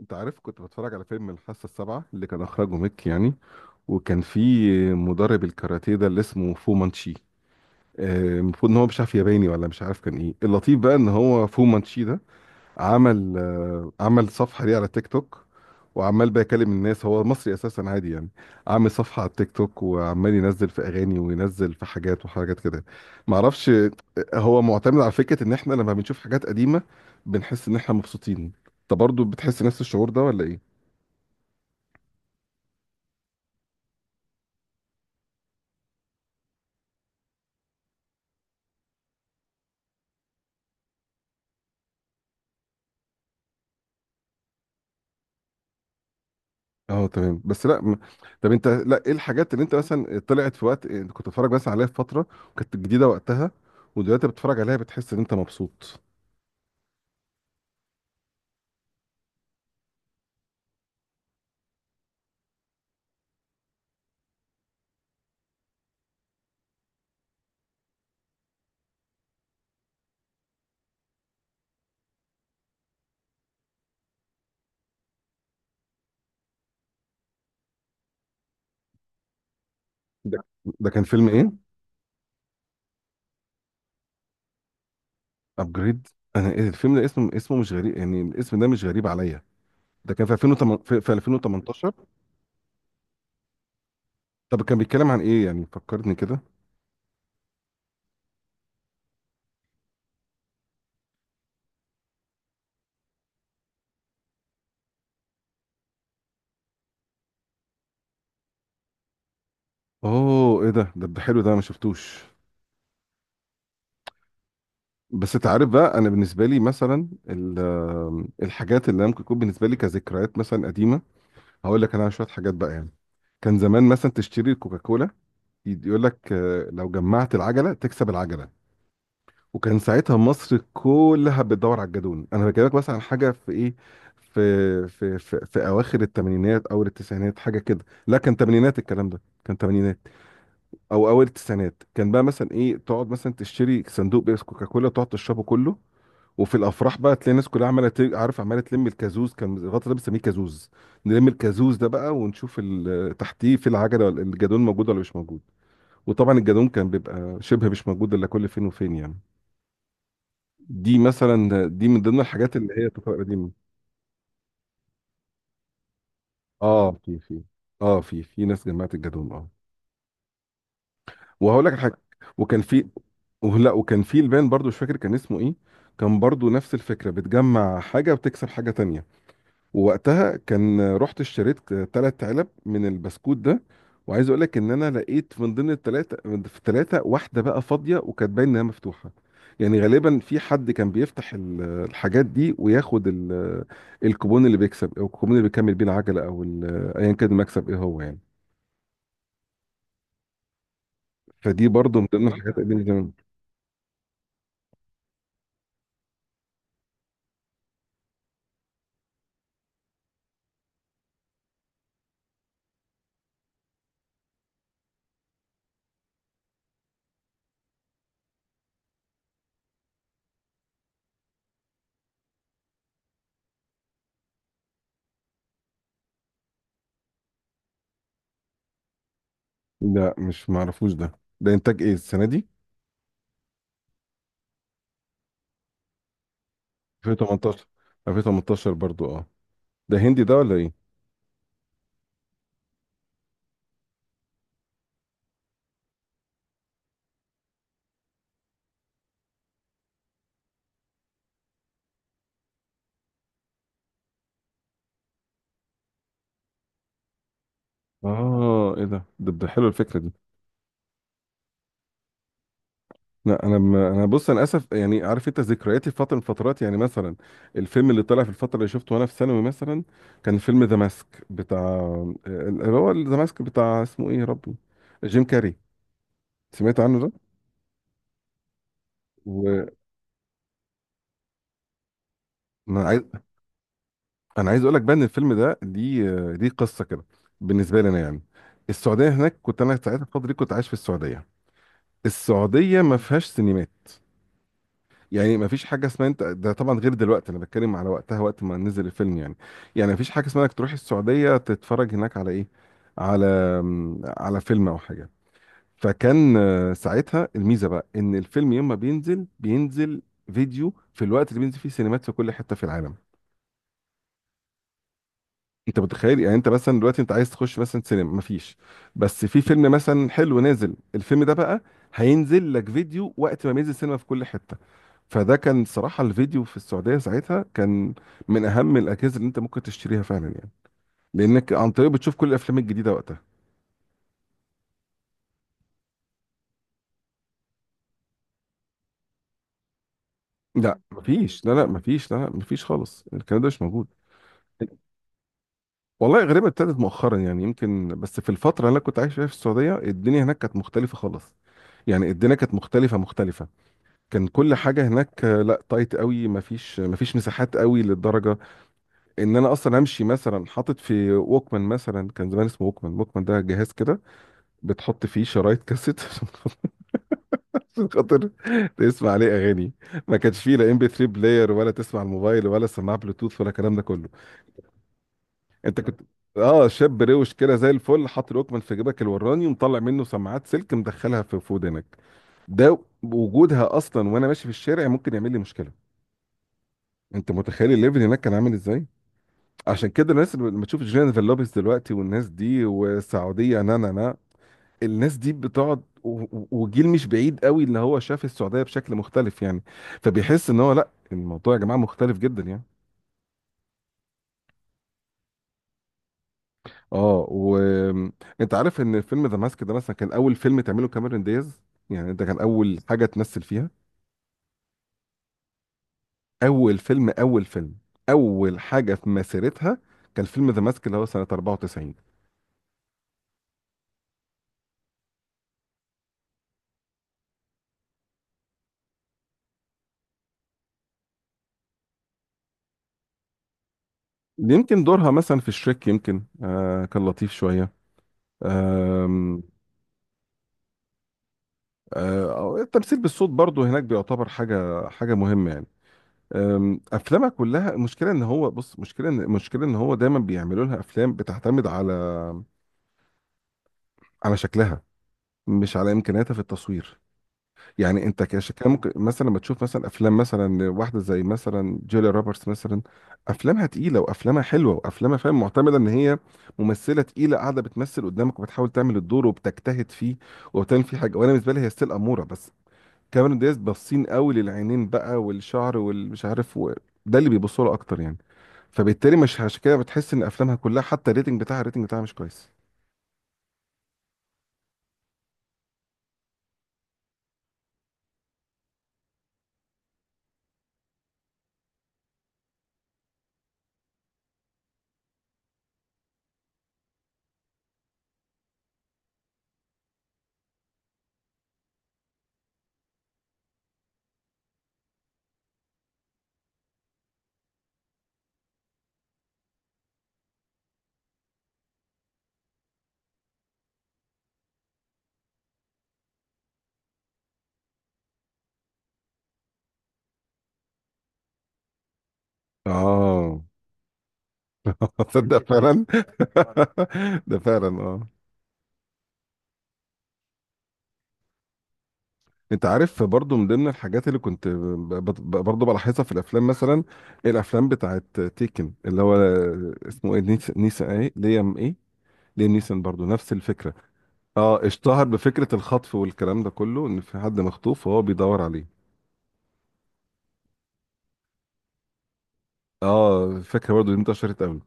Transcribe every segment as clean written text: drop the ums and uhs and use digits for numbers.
انت عارف، كنت بتفرج على فيلم الحاسه السابعه اللي كان اخرجه ميك يعني. وكان في مدرب الكاراتيه ده اللي اسمه فو مانشي. المفروض ان هو مش عارف ياباني، ولا مش عارف كان ايه. اللطيف بقى ان هو فو مانشي ده عمل صفحه ليه على تيك توك، وعمال بقى يكلم الناس. هو مصري اساسا عادي يعني، عامل صفحه على التيك توك وعمال ينزل في اغاني وينزل في حاجات وحاجات كده. معرفش. هو معتمد على فكره ان احنا لما بنشوف حاجات قديمه بنحس ان احنا مبسوطين. انت برضه بتحس نفس الشعور ده ولا ايه؟ اه تمام. بس لا م- طب انت، لا ايه الحاجات اللي انت مثلا طلعت في وقت انت كنت بتتفرج بس عليها في فتره وكانت جديده وقتها، ودلوقتي بتتفرج عليها بتحس ان انت مبسوط؟ ده كان فيلم ايه؟ ابجريد. انا ايه الفيلم ده، اسمه مش غريب يعني، الاسم ده مش غريب عليا. ده كان في 2008، في في 2018؟ طب كان بيتكلم عن ايه يعني، فكرني كده. اوه، ايه ده حلو، ده أنا ما شفتوش. بس انت عارف بقى، انا بالنسبه لي مثلا الحاجات اللي ممكن تكون بالنسبه لي كذكريات مثلا قديمه، هقول لك انا على شويه حاجات بقى يعني. كان زمان مثلا تشتري الكوكاكولا، يقول لك لو جمعت العجله تكسب العجله. وكان ساعتها مصر كلها بتدور على الجدون. انا بكلمك مثلا عن حاجه في ايه، في اواخر الثمانينات او التسعينات، حاجه كده. لا كان ثمانينات، الكلام ده كان ثمانينات او اول التسعينات. كان بقى مثلا ايه، تقعد مثلا تشتري صندوق بيس كوكاكولا، تقعد تشربه كله. وفي الافراح بقى تلاقي الناس كلها عارف، عماله تلم الكازوز. كان الغطا ده بنسميه كازوز، نلم الكازوز ده بقى ونشوف تحتيه في العجله، ولا الجدون موجود ولا مش موجود. وطبعا الجدون كان بيبقى شبه مش موجود الا كل فين وفين يعني. دي مثلا، دي من ضمن الحاجات اللي هي تفرق قديمه. اه، في في اه في في ناس جمعت الجدون، اه. وهقول لك حاجه، وكان في، ولا وكان في البان برضو مش فاكر كان اسمه ايه. كان برضو نفس الفكره، بتجمع حاجه وتكسب حاجه تانية. ووقتها كان رحت اشتريت ثلاث علب من البسكوت ده، وعايز اقول لك ان انا لقيت من ضمن الثلاثه، في الثلاثه واحده بقى فاضيه، وكانت باين انها مفتوحه. يعني غالبا في حد كان بيفتح الحاجات دي وياخد الكوبون اللي بيكسب، او الكوبون اللي بيكمل بيه العجله، او ايا كان المكسب ايه هو يعني. فدي برضو من ضمن الحاجات اللي زمان. لا مش معرفوش ده. ده انتاج ايه السنه دي؟ 2018؟ 2018 برضو، اه. ده هندي ده ولا ايه؟ اه، ايه ده حلو الفكره دي. لا انا م... انا بص، انا اسف يعني. عارف، انت ذكرياتي في فتره من الفترات يعني مثلا، الفيلم اللي طلع في الفتره اللي شفته وانا في ثانوي مثلا، كان فيلم ذا ماسك بتاع، اللي هو ذا ماسك بتاع اسمه ايه يا ربي. جيم كاري، سمعت عنه ده. وانا عايز انا عايز اقول لك بقى، ان الفيلم ده، دي قصه كده. بالنسبه لي انا يعني، السعوديه هناك، كنت انا ساعتها الفتره دي كنت عايش في السعوديه. السعوديه ما فيهاش سينمات. يعني ما فيش حاجه اسمها انت ده، طبعا غير دلوقتي، انا بتكلم على وقتها وقت ما نزل الفيلم يعني. يعني ما فيش حاجه اسمها انك تروح السعوديه تتفرج هناك على ايه، على، على فيلم او حاجه. فكان ساعتها الميزه بقى ان الفيلم يوم ما بينزل، بينزل فيديو في الوقت اللي بينزل فيه سينمات في كل حته في العالم. انت متخيل يعني، انت مثلا دلوقتي انت عايز تخش مثلا سينما، مفيش. بس في فيلم مثلا حلو نازل، الفيلم ده بقى هينزل لك فيديو وقت ما بينزل سينما في كل حته. فده كان صراحة الفيديو في السعودية ساعتها كان من أهم الأجهزة اللي أنت ممكن تشتريها فعلا يعني، لأنك عن طريقه بتشوف كل الأفلام الجديدة وقتها. لا مفيش، لا لا مفيش، لا لا مفيش خالص، الكلام ده مش موجود. والله غريبة، ابتدت مؤخرا يعني يمكن. بس في الفترة اللي أنا كنت عايش فيها في السعودية، الدنيا هناك كانت مختلفة خالص. يعني الدنيا كانت مختلفة كان كل حاجة هناك لا تايت قوي، مفيش، مساحات قوي للدرجة، إن أنا أصلا أمشي مثلا حاطط في ووكمان. مثلا كان زمان اسمه ووكمان، ووكمان ده جهاز كده بتحط فيه شرايط كاسيت عشان خاطر تسمع عليه اغاني. ما كانش فيه لا ام بي 3 بلاير، ولا تسمع الموبايل، ولا سماعه بلوتوث، ولا الكلام ده كله. انت كنت اه، شاب روش كده زي الفل، حاطط الوكمان في جيبك الوراني، ومطلع منه سماعات سلك مدخلها في في ودنك. ده وجودها اصلا وانا ماشي في الشارع ممكن يعمل لي مشكله. انت متخيل الليفل هناك كان عامل ازاي؟ عشان كده الناس اللي لما تشوف جينيفر لوبيز دلوقتي والناس دي والسعوديه نا نا نا، الناس دي بتقعد وجيل مش بعيد قوي اللي هو شاف السعودية بشكل مختلف يعني، فبيحس ان هو لا، الموضوع يا جماعة مختلف جدا يعني. اه، وانت عارف ان فيلم ذا ماسك ده مثلا كان اول فيلم تعمله كاميرون دياز. يعني ده كان اول حاجة تمثل فيها. اول فيلم، اول فيلم، اول حاجة في مسيرتها، كان فيلم ذا ماسك اللي هو سنة 94. يمكن دورها مثلا في الشريك يمكن، كان لطيف شوية. آم، التمثيل بالصوت برضو هناك بيعتبر حاجة مهمة يعني. افلامها كلها، المشكله ان هو بص، مشكله ان المشكله ان هو دايما بيعملوا لها افلام بتعتمد على، على شكلها، مش على امكانياتها في التصوير. يعني انت كان ممكن مثلا لما تشوف مثلا افلام مثلا واحده زي مثلا جوليا روبرتس مثلا، افلامها تقيله، وافلامها حلوه، وافلامها فاهم، معتمده ان هي ممثله تقيله قاعده بتمثل قدامك وبتحاول تعمل الدور وبتجتهد فيه وبتعمل فيه حاجه. وانا بالنسبه لي هي ستيل اموره بس. كاميرون دياز، باصين قوي للعينين بقى والشعر ده اللي بيبصوا له اكتر يعني. فبالتالي مش عشان كده بتحس ان افلامها كلها، حتى الريتنج بتاعها، مش كويس. اه تصدق فعلا. ده فعلا، اه. انت عارف، برضو من ضمن الحاجات اللي كنت برضو بلاحظها في الافلام مثلا، الافلام بتاعت تيكن اللي هو اسمه ايه، نيسان ايه، ليام ايه، ليام نيسان، برضو نفس الفكره. اه، اشتهر بفكره الخطف والكلام ده كله، ان في حد مخطوف وهو بيدور عليه. اه فاكر برضه دي انتشرت قوي.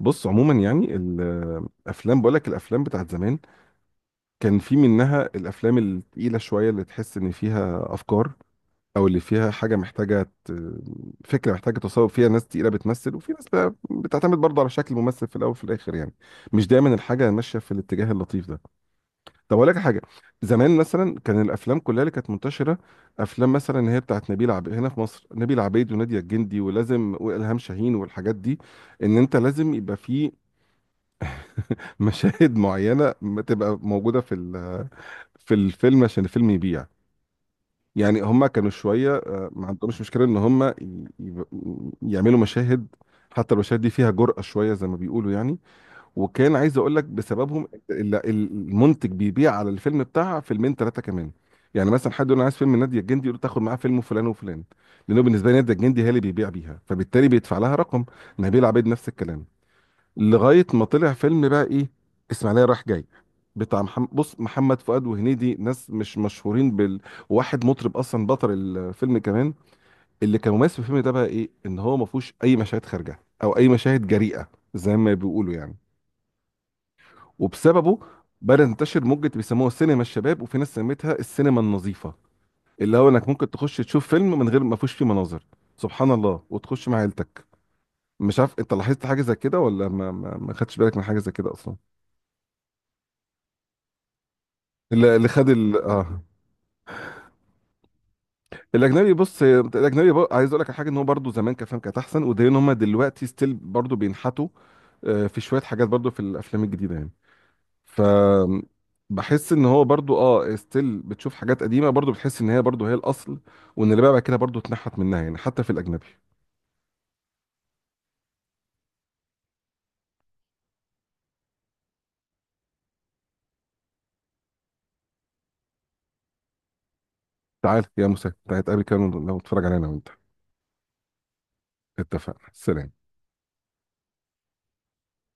بص عموما يعني، الافلام، بقول لك الافلام بتاعت زمان كان في منها الافلام التقيله شويه، اللي تحس ان فيها افكار، او اللي فيها حاجه محتاجه فكره محتاجه تصور فيها ناس تقيله بتمثل، وفي ناس بقى بتعتمد برضه على شكل الممثل في الاول وفي الاخر يعني. مش دايما الحاجه ماشيه في الاتجاه اللطيف ده. طب اقول لك حاجه، زمان مثلا كان الافلام كلها اللي كانت منتشره، افلام مثلا اللي هي بتاعت نبيل عبيد، هنا في مصر نبيل عبيد وناديه الجندي ولازم والهام شاهين والحاجات دي، ان انت لازم يبقى في مشاهد معينه ما تبقى موجوده في في الفيلم عشان الفيلم يبيع. يعني هما كانوا شويه ما عندهمش مشكله ان هما يعملوا مشاهد. حتى المشاهد دي فيها جرأة شويه زي ما بيقولوا يعني. وكان عايز اقول لك بسببهم المنتج بيبيع على الفيلم بتاعها فيلمين ثلاثه كمان. يعني مثلا حد يقول انا عايز فيلم ناديه الجندي، يقول له تاخد معاه فيلم فلان وفلان، لانه بالنسبه لي ناديه الجندي هي اللي بيبيع بيها، فبالتالي بيدفع لها رقم. نبيل عبيد نفس الكلام. لغايه ما طلع فيلم بقى ايه، اسماعيليه رايح جاي، بتاع محمد، بص، محمد فؤاد وهنيدي، ناس مش مشهورين بال، واحد مطرب اصلا بطل الفيلم كمان. اللي كان مميز في الفيلم ده بقى ايه، ان هو ما فيهوش اي مشاهد خارجه او اي مشاهد جريئه زي ما بيقولوا يعني. وبسببه بدأ ينتشر موجة بيسموها سينما الشباب، وفي ناس سميتها السينما النظيفة، اللي هو انك ممكن تخش تشوف فيلم من غير ما فيهوش فيه مناظر سبحان الله، وتخش مع عيلتك. مش عارف انت لاحظت حاجة زي كده ولا ما خدتش بالك من حاجة زي كده اصلا. اللي اللي خد ال... اه الاجنبي، بص، الاجنبي بقى، عايز اقول لك على حاجه، ان هو برضه زمان كان فاهم كانت احسن، وده ان هم دلوقتي ستيل برضه بينحتوا في شويه حاجات برضه في الافلام الجديده يعني. ف بحس ان هو برضو اه ستيل بتشوف حاجات قديمه، برضو بتحس ان هي برضو هي الاصل، وان اللي بقى بعد كده برضو اتنحت منها يعني حتى في الاجنبي. تعال يا موسى، تعال نتقابل كده لو نتفرج علينا وانت. اتفقنا، سلام.